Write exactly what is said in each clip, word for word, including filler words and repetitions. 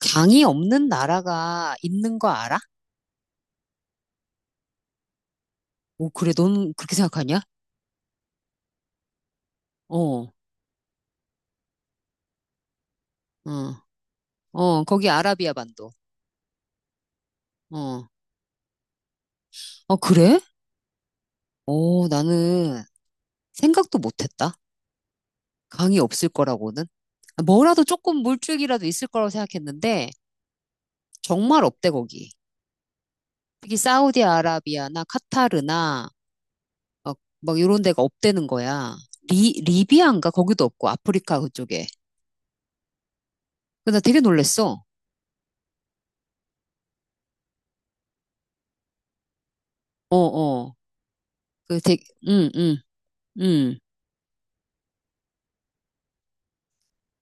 강이 없는 나라가 있는 거 알아? 오, 그래, 넌 그렇게 생각하냐? 어, 어, 어, 거기 아라비아 반도. 어, 어, 그래? 어, 나는 생각도 못 했다. 강이 없을 거라고는. 아, 뭐라도 조금 물줄기라도 있을 거라고 생각했는데, 정말 없대, 거기. 특히 사우디아라비아나 카타르나, 막, 막 이런 데가 없대는 거야. 리, 리비아인가? 거기도 없고, 아프리카 그쪽에. 그래서 나 되게 놀랬어. 어, 어. 그 되게, 응, 응, 응.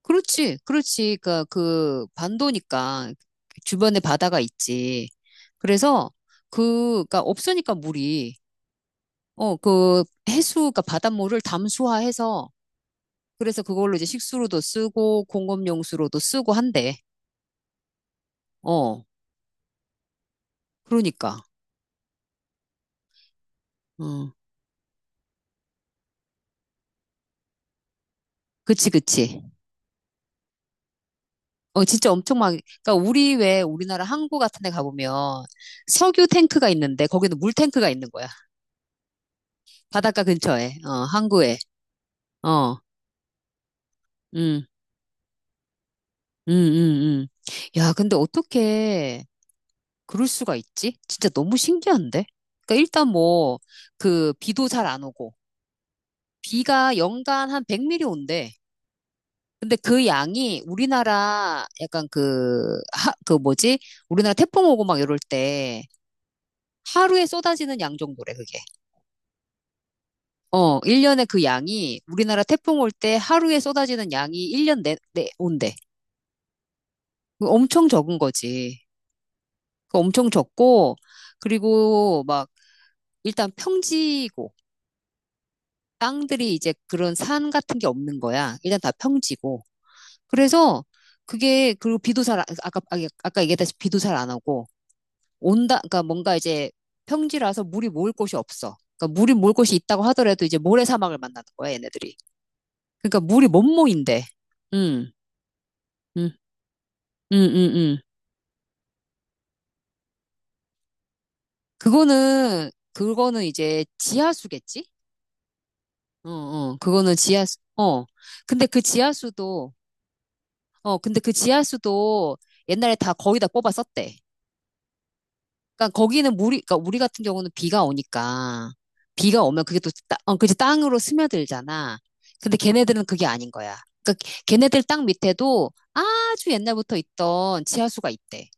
그렇지, 그렇지. 그러니까 그 반도니까 주변에 바다가 있지. 그래서 그, 그러니까 없으니까 물이 어, 그 해수, 그러니까 바닷물을 담수화해서 그래서 그걸로 이제 식수로도 쓰고 공업용수로도 쓰고 한대. 어, 그러니까. 음, 그치, 그치. 어, 진짜 엄청 막, 그러니까 우리 왜 우리나라 항구 같은 데 가보면 석유 탱크가 있는데 거기는 물 탱크가 있는 거야. 바닷가 근처에, 어, 항구에. 어, 음. 음, 음, 음. 야, 근데 어떻게 그럴 수가 있지? 진짜 너무 신기한데? 그러니까 일단 뭐, 그, 비도 잘 안 오고, 비가 연간 한 백 밀리미터 온대. 근데 그 양이 우리나라 약간 그, 하, 그 뭐지? 우리나라 태풍 오고 막 이럴 때 하루에 쏟아지는 양 정도래, 그게. 어, 일 년에 그 양이 우리나라 태풍 올 때 하루에 쏟아지는 양이 일 년 내, 내 온대. 그거 엄청 적은 거지. 그거 엄청 적고, 그리고 막 일단 평지고 땅들이 이제 그런 산 같은 게 없는 거야. 일단 다 평지고. 그래서 그게 그리고 비도 잘 안- 아까 아, 아까 얘기했다시피 비도 잘 안 오고 온다 그러니까 뭔가 이제 평지라서 물이 모을 곳이 없어. 그러니까 물이 모을 곳이 있다고 하더라도 이제 모래사막을 만나는 거야, 얘네들이. 그러니까 물이 못 모인대. 음. 음. 음, 음, 음. 그거는 그거는 이제 지하수겠지? 어, 어. 그거는 지하수. 어. 근데 그 지하수도 어, 근데 그 지하수도 옛날에 다 거의 다 뽑아 썼대. 그러니까 거기는 물이, 그러니까 우리 같은 경우는 비가 오니까 비가 오면 그게 또, 따, 어, 그치, 땅으로 스며들잖아. 근데 걔네들은 그게 아닌 거야. 그러니까 걔네들 땅 밑에도 아주 옛날부터 있던 지하수가 있대.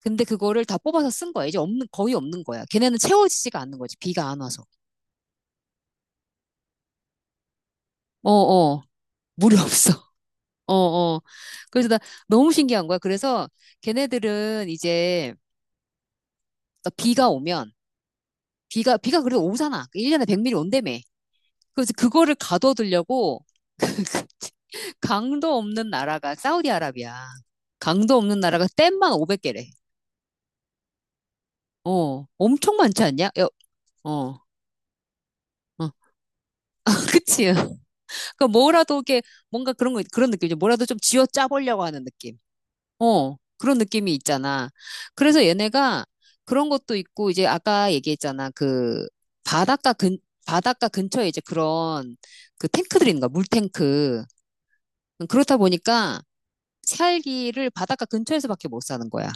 근데 그거를 다 뽑아서 쓴 거야. 이제 없는, 거의 없는 거야. 걔네는 채워지지가 않는 거지. 비가 안 와서. 어, 어. 물이 없어. 어, 어. 그래서 나 너무 신기한 거야. 그래서 걔네들은 이제 그러니까 비가 오면 비가, 비가 그래도 오잖아. 일 년에 백 밀리미터 온다며. 그래서 그거를 가둬두려고 강도 없는 나라가 사우디아라비아. 강도 없는 나라가 댐만 오백 개래. 어, 엄청 많지 않냐? 여, 어, 어. 그치. 그러니까 뭐라도 이게 뭔가 그런 거, 그런 느낌이죠. 뭐라도 좀 쥐어 짜보려고 하는 느낌. 어, 그런 느낌이 있잖아. 그래서 얘네가 그런 것도 있고, 이제 아까 얘기했잖아. 그 바닷가 근, 바닷가 근처에 이제 그런 그 탱크들이 있는 거야. 물탱크. 그렇다 보니까 살기를 바닷가 근처에서밖에 못 사는 거야.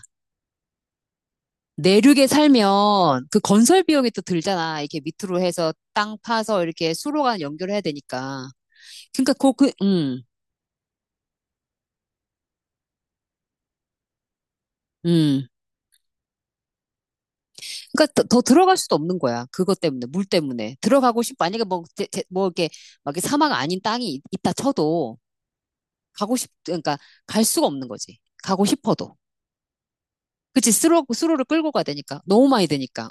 내륙에 살면 그 건설 비용이 또 들잖아. 이렇게 밑으로 해서 땅 파서 이렇게 수로가 연결해야 되니까. 그러니까 그, 그, 음, 음. 그러니까 더, 더 들어갈 수도 없는 거야. 그것 때문에, 물 때문에. 들어가고 싶, 만약에 뭐, 제- 제- 뭐 이렇게 막 이렇게 사막 아닌 땅이 있- 있다 쳐도 가고 싶, 그러니까 갈 수가 없는 거지. 가고 싶어도. 그치, 수로, 수로를 끌고 가야 되니까. 너무 많이 되니까.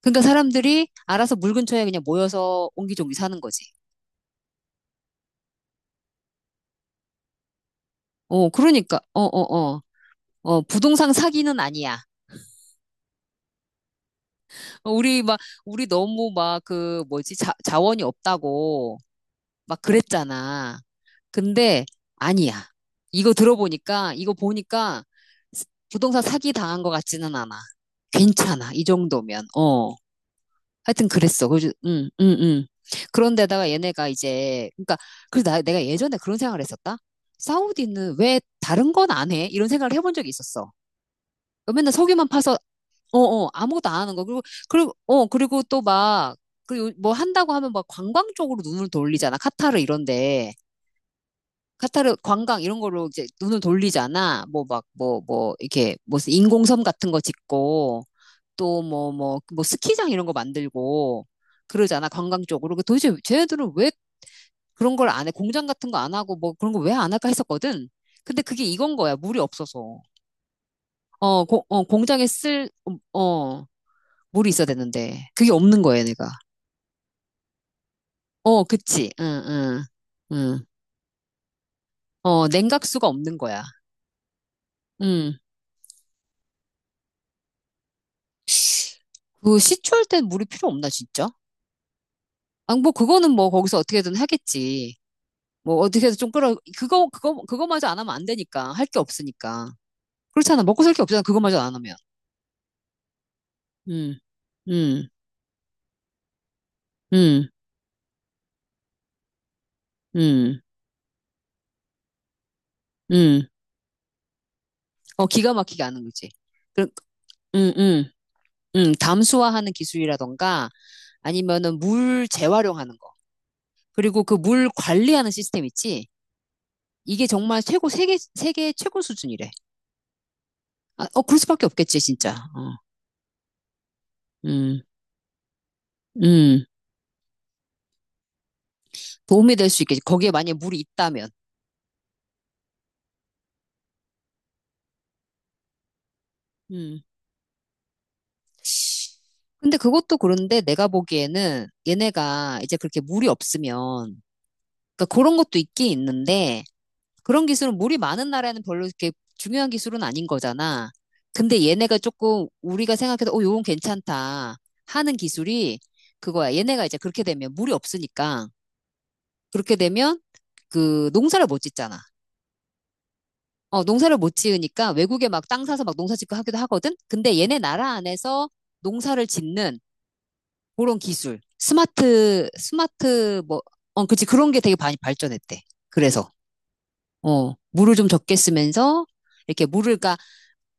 그러니까 사람들이 알아서 물 근처에 그냥 모여서 옹기종기 사는 거지. 어, 그러니까, 어, 어, 어. 어, 부동산 사기는 아니야. 어, 우리 막, 우리 너무 막 그, 뭐지, 자, 자원이 없다고 막 그랬잖아. 근데 아니야. 이거 들어보니까, 이거 보니까 부동산 사기 당한 것 같지는 않아. 괜찮아. 이 정도면. 어. 하여튼 그랬어. 그래서, 응, 응, 응. 그런데다가 얘네가 이제, 그러니까, 그래서 나, 내가 예전에 그런 생각을 했었다. 사우디는 왜 다른 건 안 해? 이런 생각을 해본 적이 있었어. 그러니까 맨날 석유만 파서, 어, 어, 아무것도 안 하는 거. 그리고, 그리고, 어, 그리고 또 막, 그 뭐 한다고 하면 막 관광 쪽으로 눈을 돌리잖아. 카타르 이런데. 카타르 관광 이런 거로 이제 눈을 돌리잖아. 뭐 막, 뭐, 뭐, 이렇게 무슨 인공섬 같은 거 짓고. 또 뭐, 뭐, 뭐 스키장 이런 거 만들고 그러잖아. 관광 쪽으로. 그 도대체 쟤네들은 왜 그런 걸 안 해? 공장 같은 거 안 하고 뭐 그런 거 왜 안 할까 했었거든. 근데 그게 이건 거야. 물이 없어서. 어, 고- 어, 공장에 쓸, 어, 어, 물이 있어야 되는데. 그게 없는 거야, 내가. 어, 그치. 응, 응, 응. 어, 냉각수가 없는 거야. 응. 그 시추할 땐 물이 필요 없나, 진짜? 아, 뭐, 그거는 뭐, 거기서 어떻게든 하겠지. 뭐 어떻게 해서 좀 끌어 그거 그거 그거마저 안 하면 안 되니까 할 게 없으니까 그렇잖아 먹고 살 게 없잖아 그거마저 안 하면 음음음음음어 기가 막히게 하는 거지 그음음음 담수화하는 기술이라던가 아니면은 물 재활용하는 거 그리고 그 물 관리하는 시스템 있지 이게 정말 최고 세계 세계 최고 수준이래 아, 어 그럴 수밖에 없겠지 진짜 어, 음 음. 도움이 될 수 있겠지 거기에 만약에 물이 있다면 근데 그것도 그런데 내가 보기에는 얘네가 이제 그렇게 물이 없으면, 그러니까 그런 것도 있긴 있는데, 그런 기술은 물이 많은 나라에는 별로 이렇게 중요한 기술은 아닌 거잖아. 근데 얘네가 조금 우리가 생각해서, 어, 요건 괜찮다 하는 기술이 그거야. 얘네가 이제 그렇게 되면 물이 없으니까, 그렇게 되면 그 농사를 못 짓잖아. 어, 농사를 못 지으니까 외국에 막 땅 사서 막 농사 짓고 하기도 하거든? 근데 얘네 나라 안에서 농사를 짓는 그런 기술. 스마트, 스마트, 뭐, 어, 그치. 그런 게 되게 많이 발전했대. 그래서, 어, 물을 좀 적게 쓰면서, 이렇게 물을, 까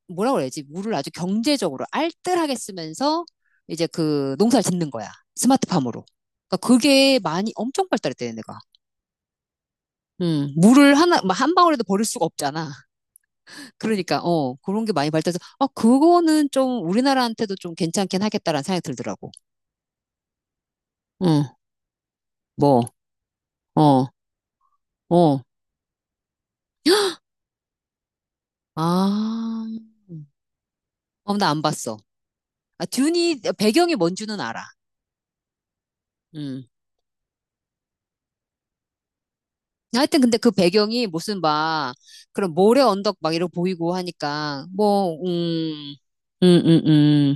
뭐라 그래야지? 물을 아주 경제적으로 알뜰하게 쓰면서, 이제 그 농사를 짓는 거야. 스마트팜으로. 그러니까 그게 많이 엄청 발달했대, 내가. 음, 물을 하나, 뭐한 방울에도 버릴 수가 없잖아. 그러니까, 어, 그런 게 많이 발달해서, 아, 그거는 좀 우리나라한테도 좀 괜찮긴 하겠다라는 생각이 들더라고. 응, 뭐, 어, 어. 아, 어, 나 안 봤어. 아, 듄이, 배경이 뭔 줄은 알아. 음. 하여튼 근데 그 배경이 무슨 막, 그런 모래 언덕 막 이러고 보이고 하니까, 뭐, 음, 음, 음, 음,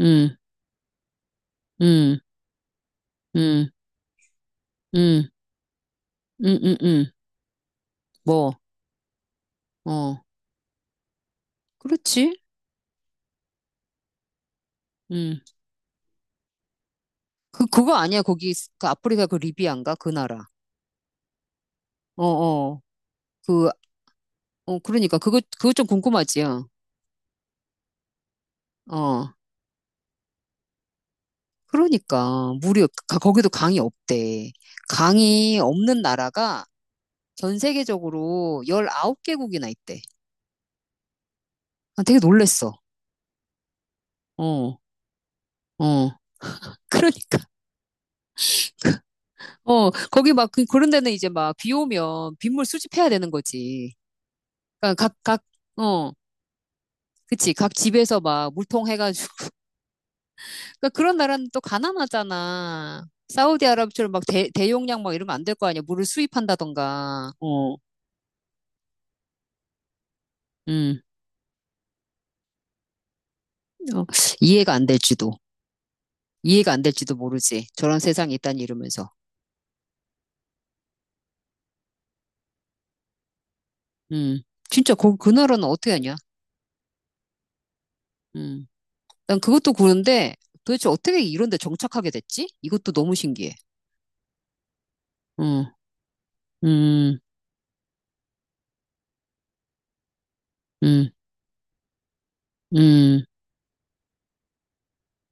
음, 음, 음, 음, 음, 음, 음. 음. 뭐, 어, 그렇지. 음. 그, 그거 아니야. 거기, 그 아프리카 그 리비안가? 그 나라. 어, 어. 그, 어, 그러니까. 그거, 그거 좀 궁금하지요. 어. 어. 그러니까 무료 가- 거기도 강이 없대. 강이 없는 나라가 전 세계적으로 십구 개국이나 있대. 아, 되게 놀랬어. 어. 어. 그러니까 어, 거기 막 그, 런 데는 이제 막 비 오면 빗물 수집해야 되는 거지. 그러니까 각 각 어. 그치. 각 집에서 막 물통 해가지고. 그러니까 그런 나라는 또 가난하잖아. 사우디아라비아처럼 막 대, 대용량 막 이러면 안 될 거 아니야. 물을 수입한다던가. 어. 음. 어, 이해가 안 될지도. 이해가 안 될지도 모르지. 저런 세상이 있다니 이러면서. 음. 진짜 그, 그 나라는 어떻게 하냐? 음. 난 그것도 그런데 도대체 어떻게 이런 데 정착하게 됐지? 이것도 너무 신기해. 음. 음. 음. 음.